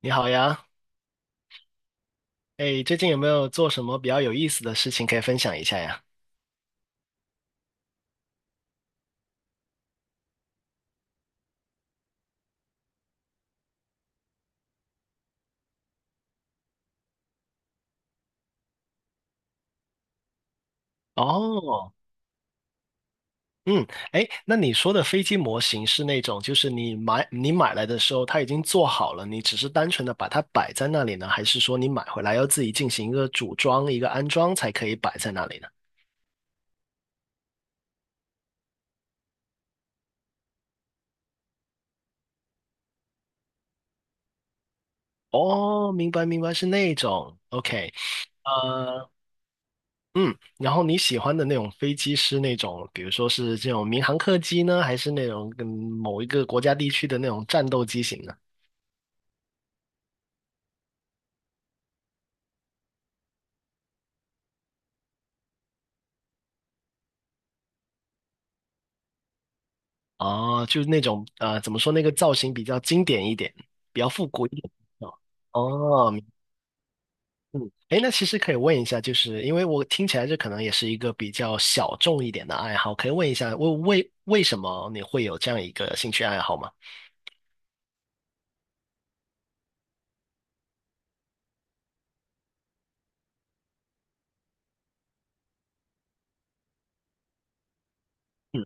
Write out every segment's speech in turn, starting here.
你好呀。哎，最近有没有做什么比较有意思的事情可以分享一下呀？哦。嗯。哎，那你说的飞机模型是那种，就是你买来的时候它已经做好了，你只是单纯的把它摆在那里呢，还是说你买回来要自己进行一个组装、一个安装才可以摆在那里呢？哦，明白明白，是那种，OK，呃。嗯，然后你喜欢的那种飞机是那种，比如说是这种民航客机呢，还是那种跟某一个国家地区的那种战斗机型呢？哦，就是那种怎么说那个造型比较经典一点，比较复古一点。哦。哦明嗯，哎，那其实可以问一下，就是因为我听起来这可能也是一个比较小众一点的爱好，可以问一下，为什么你会有这样一个兴趣爱好吗？嗯。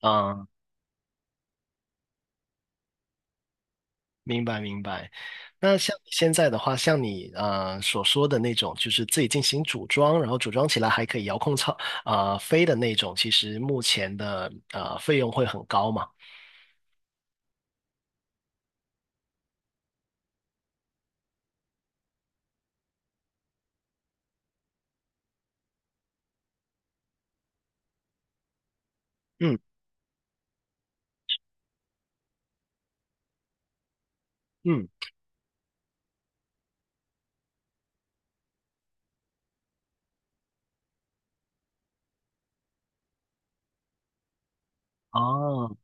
啊。明白明白。那像你现在的话，像你所说的那种，就是自己进行组装，然后组装起来还可以遥控操、啊、飞的那种，其实目前的费用会很高嘛？嗯。嗯。哦，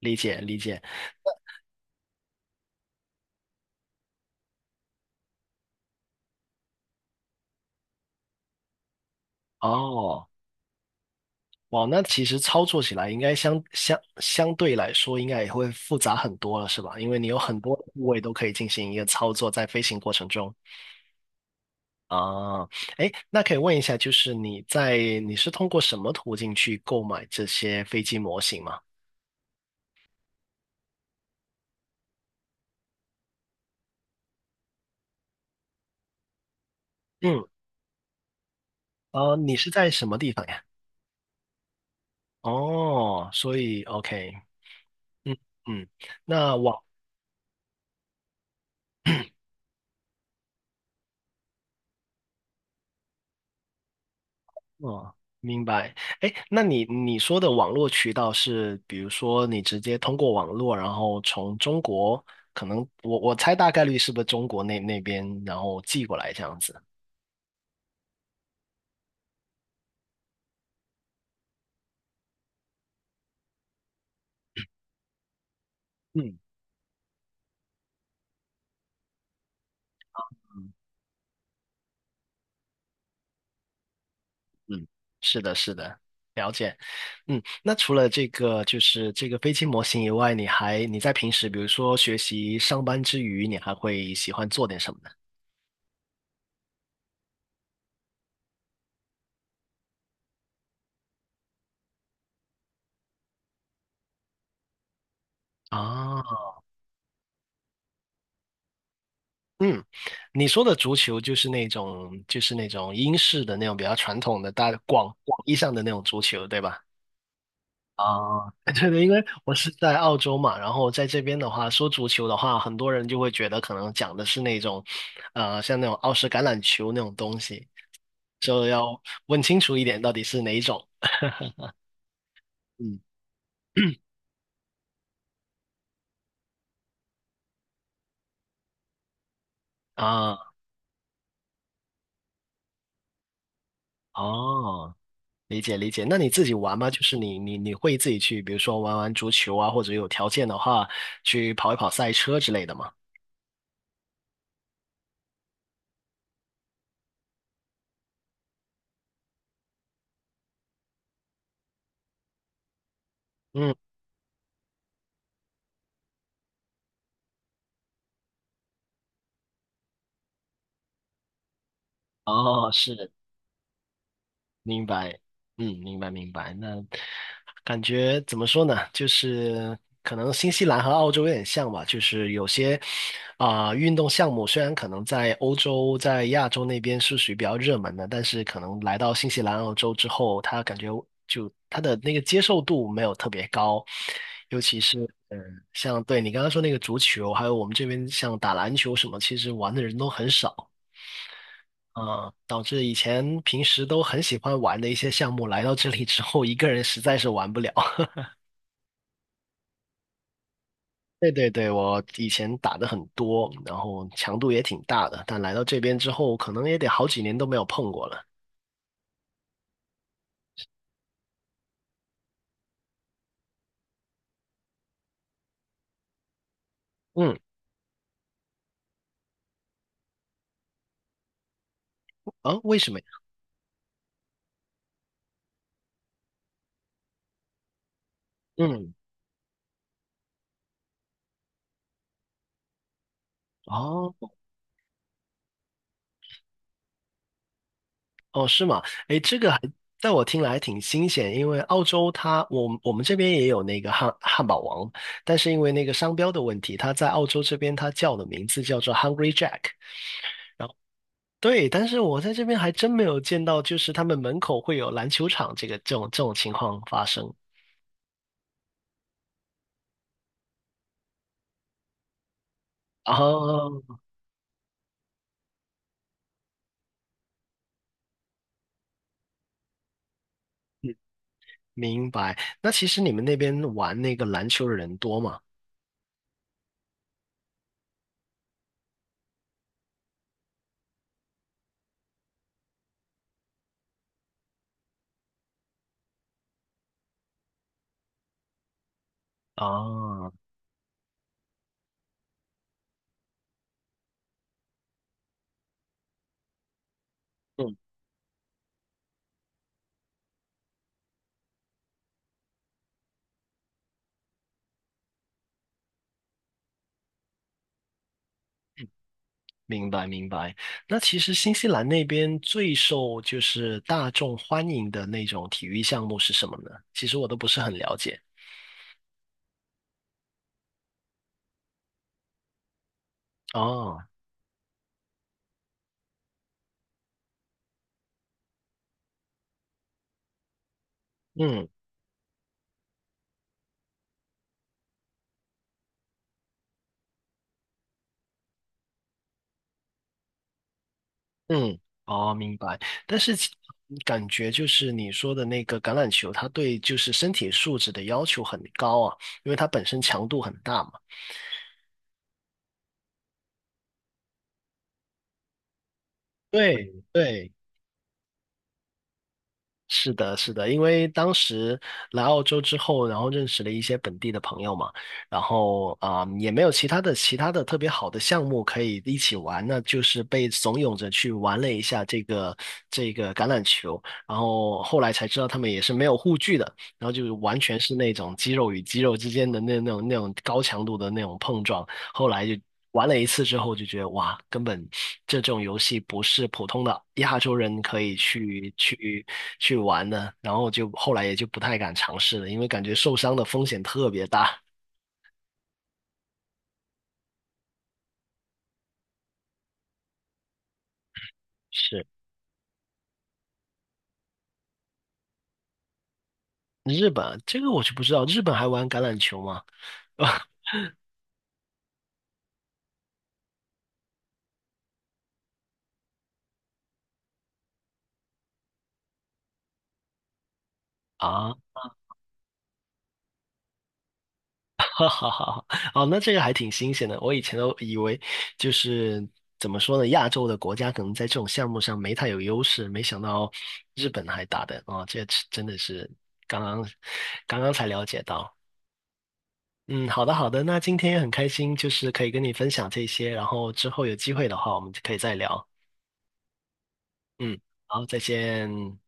理解理解。哦。哇，那其实操作起来应该相对来说应该也会复杂很多了，是吧？因为你有很多部位都可以进行一个操作，在飞行过程中。啊。哎，那可以问一下，就是你是通过什么途径去购买这些飞机模型吗？嗯。呃，你是在什么地方呀？哦，所以 OK。嗯。嗯。那网哦，明白。哎，那你说的网络渠道是，比如说你直接通过网络，然后从中国，可能我猜大概率是不是中国那那边，然后寄过来这样子。嗯。嗯。嗯，是的，是的。了解。嗯，那除了这个就是这个飞机模型以外，你在平时，比如说学习、上班之余，你还会喜欢做点什么呢？啊。嗯，你说的足球就是那种，就是那种英式的那种比较传统的大广义上的那种足球，对吧？啊，对对，因为我是在澳洲嘛，然后在这边的话，说足球的话，很多人就会觉得可能讲的是那种，像那种澳式橄榄球那种东西，就要问清楚一点到底是哪一种。嗯。啊。哦，理解理解。那你自己玩吗？就是你会自己去，比如说玩玩足球啊，或者有条件的话去跑一跑赛车之类的吗？嗯。哦，是。明白。嗯，明白明白。那感觉怎么说呢？就是可能新西兰和澳洲有点像吧，就是有些啊、运动项目虽然可能在欧洲、在亚洲那边是属于比较热门的，但是可能来到新西兰、澳洲之后，他感觉就他的那个接受度没有特别高，尤其是嗯，像对你刚刚说那个足球，还有我们这边像打篮球什么，其实玩的人都很少。啊，导致以前平时都很喜欢玩的一些项目，来到这里之后，一个人实在是玩不了。对对对，我以前打的很多，然后强度也挺大的，但来到这边之后，可能也得好几年都没有碰过了。嗯。啊，为什么呀？嗯。哦。哦，是吗？诶，这个还在我听来还挺新鲜，因为澳洲它，我们这边也有那个汉堡王，但是因为那个商标的问题，它在澳洲这边它叫的名字叫做 Hungry Jack。然对，但是我在这边还真没有见到，就是他们门口会有篮球场这种情况发生。哦。嗯，明白。那其实你们那边玩那个篮球的人多吗？啊。嗯，明白明白。那其实新西兰那边最受就是大众欢迎的那种体育项目是什么呢？其实我都不是很了解。哦。嗯。嗯。哦，明白。但是其感觉就是你说的那个橄榄球，它对就是身体素质的要求很高啊，因为它本身强度很大嘛。对对，是的，是的，因为当时来澳洲之后，然后认识了一些本地的朋友嘛，然后啊、也没有其他的特别好的项目可以一起玩，那就是被怂恿着去玩了一下这个橄榄球，然后后来才知道他们也是没有护具的，然后就是完全是那种肌肉与肌肉之间的那种高强度的那种碰撞，后来就玩了一次之后就觉得哇，根本这种游戏不是普通的亚洲人可以去玩的，然后就后来也就不太敢尝试了，因为感觉受伤的风险特别大。是。日本，这个我就不知道，日本还玩橄榄球吗？啊，哈哈哈哈，哦，那这个还挺新鲜的。我以前都以为就是怎么说呢，亚洲的国家可能在这种项目上没太有优势，没想到日本还打的啊。哦，这真的是刚刚刚刚才了解到。嗯，好的好的，那今天也很开心，就是可以跟你分享这些，然后之后有机会的话，我们就可以再聊。嗯，好，再见。